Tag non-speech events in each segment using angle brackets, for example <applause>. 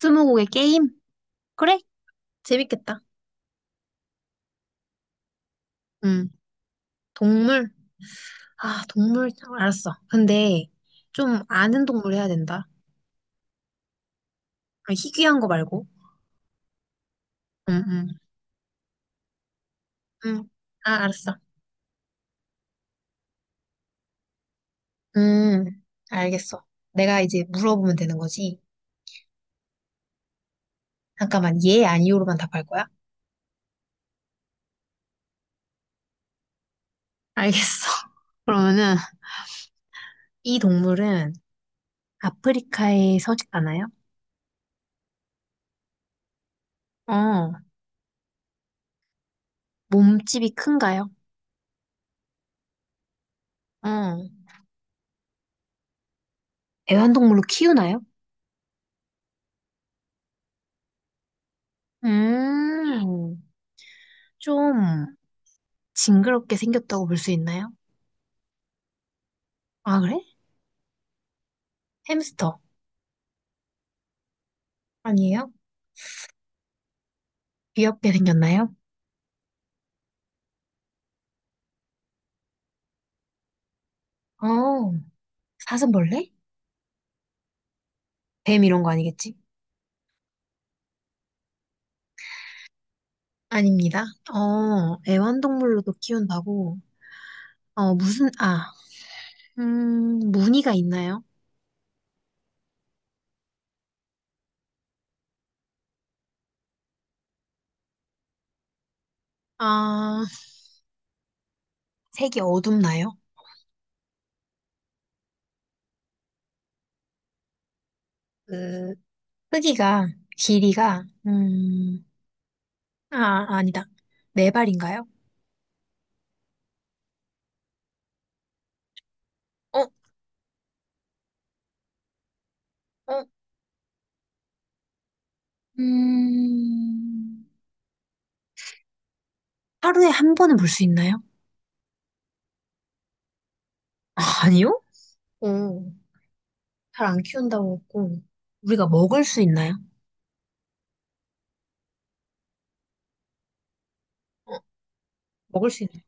스무고개 게임? 그래? 재밌겠다. 음 동물? 아, 동물. 알았어. 근데 좀 아는 동물 해야 된다. 아, 희귀한 거 말고. 응, 응. 응. 아, 알았어. 음, 알겠어. 내가 이제 물어보면 되는 거지. 잠깐만, 예, 아니오로만 답할 거야? 알겠어. <laughs> 그러면은, 이 동물은 아프리카에 서식하나요? 어, 몸집이 큰가요? 어. 애완동물로 키우나요? 음, 좀 징그럽게 생겼다고 볼 수 있나요? 아, 그래? 햄스터. 아니에요? 귀엽게 생겼나요? 어, 사슴벌레? 뱀 이런 거 아니겠지? 아닙니다. 어, 애완동물로도 키운다고? 어, 무슨, 아, 무늬가 있나요? 아, 색이 어둡나요? 그, 크기가, 길이가, 아, 아니다. 네 발인가요? 어, 어, 음, 하루에 한 번은 볼 수 있나요? 아, 아니요? 오. 잘 안 키운다고 했고, 우리가 먹을 수 있나요? 어, 먹을 수 있나요?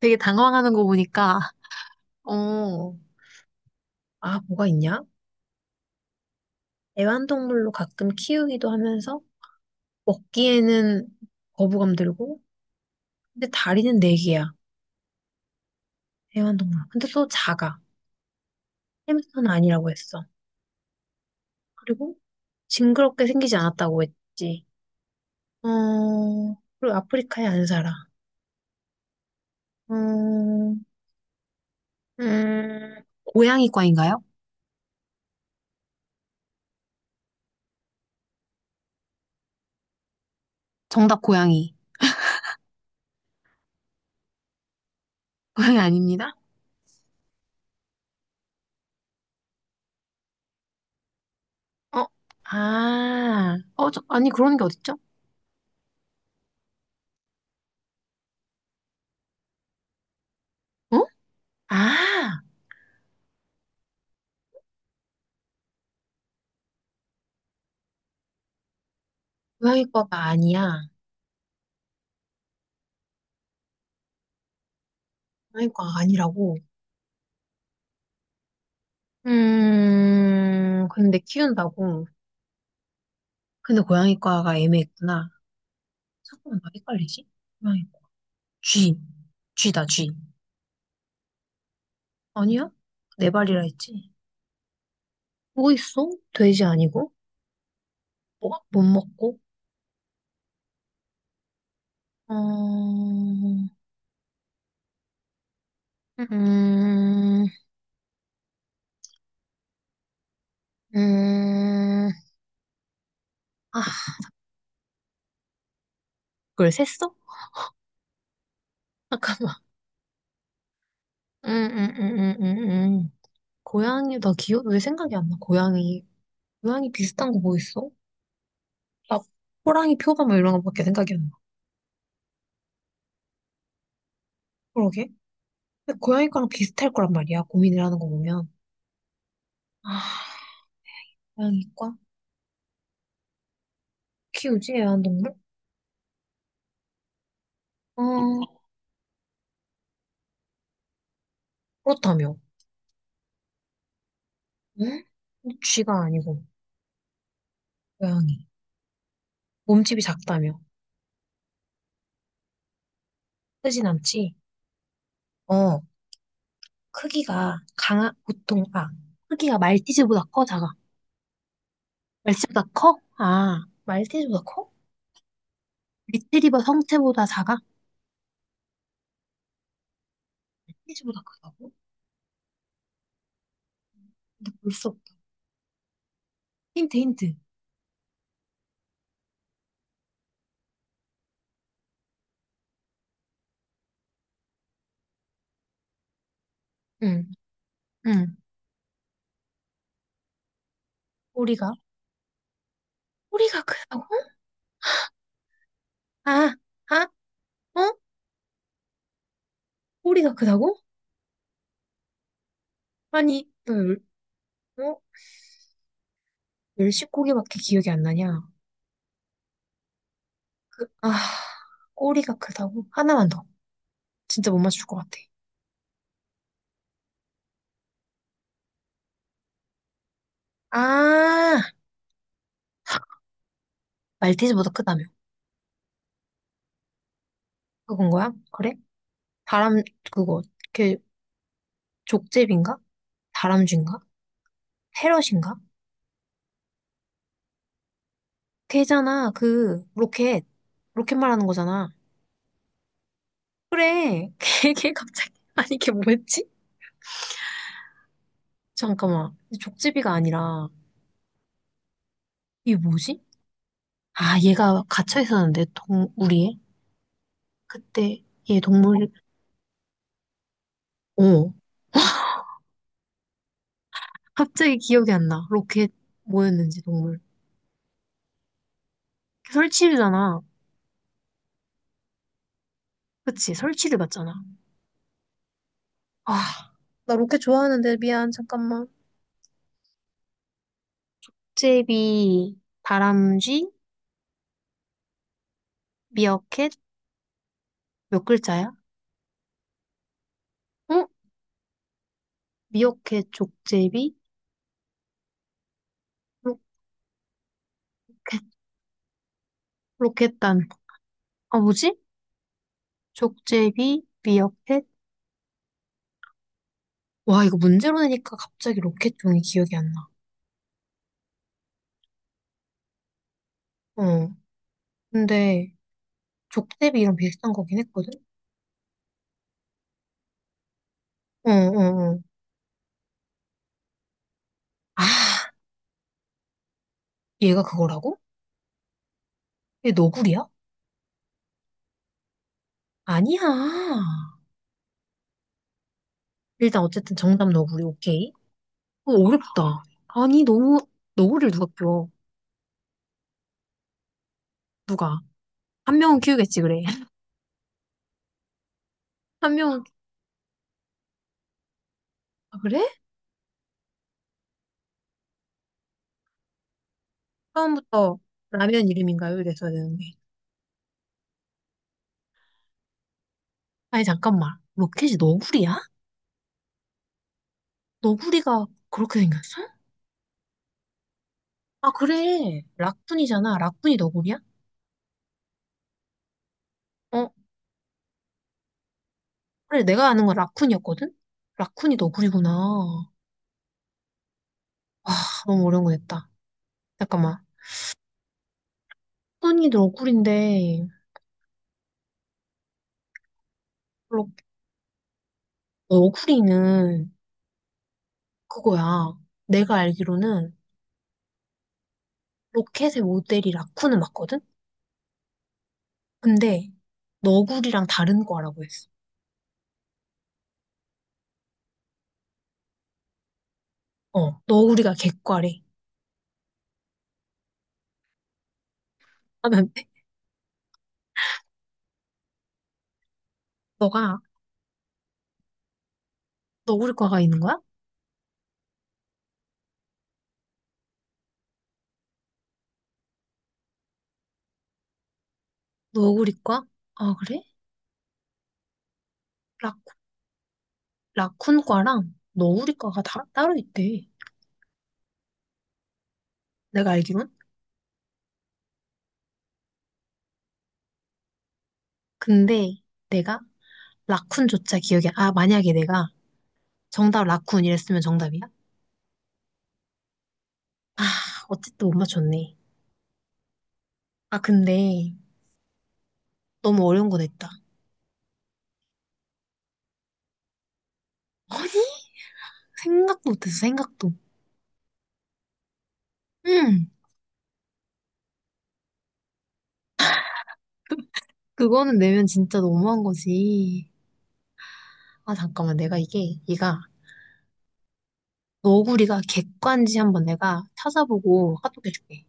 되게 당황하는 거 보니까, 어, 아, 뭐가 있냐? 애완동물로 가끔 키우기도 하면서, 먹기에는 거부감 들고, 근데 다리는 네 개야, 애완동물. 근데 또 작아. 햄스터는 아니라고 했어. 그리고 징그럽게 생기지 않았다고 했지. 어, 그리고 아프리카에 안 살아. 음, 고양이과인가요? 정답 고양이. 고양이 아닙니다. 어, 아, 어, 저, 아니, 그런 게 어딨죠? 어? 아, 고양이과가 아니야. 고양이과가 아니라고. 근데 키운다고. 근데 고양이과가 애매했구나. 잠깐만, 나 헷갈리지? 고양이과. 쥐. 쥐다, 쥐. 아니야? 네 발이라 했지. 뭐 있어? 돼지 아니고? 뭐? 못 먹고? 어, 음, 음, 음. 아, 그걸 셌어? 아까, 음, 음, 음, 음, 음. 음. 고양이, 나 기억, 왜 생각이 안 나? 고양이. 고양이 비슷한 거 뭐 있어? 나 호랑이 표범 뭐 이런 거밖에 생각이 안 나. 그러게. 근데 고양이 과랑 비슷할 거란 말이야. 고민을 하는 거 보면. 아, 고양이과? 키우지? 애완동물? 어, 그렇다며. 응? 쥐가 아니고, 고양이. 몸집이 작다며. 크진 않지? 어, 크기가 강한, 보통, 아, 크기가 말티즈보다 커, 작아? 말티즈보다 커? 아, 말티즈보다 커? 리트리버 성체보다 작아? 말티즈보다 크다고? 근데 벌써 힌트 힌트. 응, 응. 꼬리가 꼬리가 크다고? 아, 아, 어? 꼬리가 크다고? 아니, 너 열, 어? 열시고기밖에 기억이 안 나냐? 아, 꼬리가 크다고? 하나만 더. 진짜 못 맞출 것 같아. 아, 말티즈보다 크다며. 그건 거야? 그래? 다람 그거 걔 족제비인가? 다람쥐인가? 패럿인가? 걔잖아. 그 로켓 말하는 거잖아. 그래. <laughs> 걔 갑자기 아니 걔 뭐였지? 잠깐만. 족제비가 아니라, 이게 뭐지? 아, 얘가 갇혀 있었는데, 동, 우리에? 그때, 얘 동물, 어. 갑자기 기억이 안 나. 로켓, 뭐였는지, 동물. 설치류잖아. 그치, 설치류 맞잖아. 아, 나 로켓 좋아하는데, 미안, 잠깐만. 족제비, 다람쥐, 미어캣, 몇 글자야? 어? 미어캣, 족제비, 로켓, 로켓단. 아, 뭐지? 족제비, 미어캣, 와, 이거 문제로 내니까 갑자기 로켓종이 기억이 안 나. 어. 근데 족대비랑 비슷한 거긴 했거든? 어, 어, 어. 아, 얘가 그거라고? 얘 너구리야? 아니야. 일단 어쨌든 정답 너구리, 오케이. 어, 어렵다. 아니, 너무, 너구리를 누가 키워? 누가? 한 명은 키우겠지, 그래. <laughs> 한 명은, 아, 그래? 처음부터 라면 이름인가요? 이랬어야 되는데. 아니, 잠깐만. 로켓이 너구리야? 너구리가 그렇게 생겼어? 아, 그래. 락군이잖아. 락군이 너구리야? 어? 그래, 내가 아는 건 라쿤이었거든? 라쿤이 너구리구나. 와, 너무 어려운 거 냈다. 잠깐만. 소니 너구리인데, 로- 너구리는 그거야. 내가 알기로는 로켓의 모델이 라쿤은 맞거든? 근데 너구리랑 다른 과라고 했어. 어, 너구리가 개과래 하면 <laughs> 너가 너구리과가 있는 거야? 너구리과? 아, 그래? 라, 라쿤과랑 너구리과가 따로 있대. 내가 알기론? 근데 내가 라쿤조차 기억이, 아, 만약에 내가 정답 라쿤 이랬으면 정답이야? 아, 어쨌든 못 맞췄네. 아, 근데 너무 어려운 거 냈다. 아니? 생각도 못했어, 생각도. 음, 그거는 내면 진짜 너무한 거지. 아, 잠깐만, 내가 이게, 얘가, 너구리가 객관지 한번 내가 찾아보고 카톡 해줄게.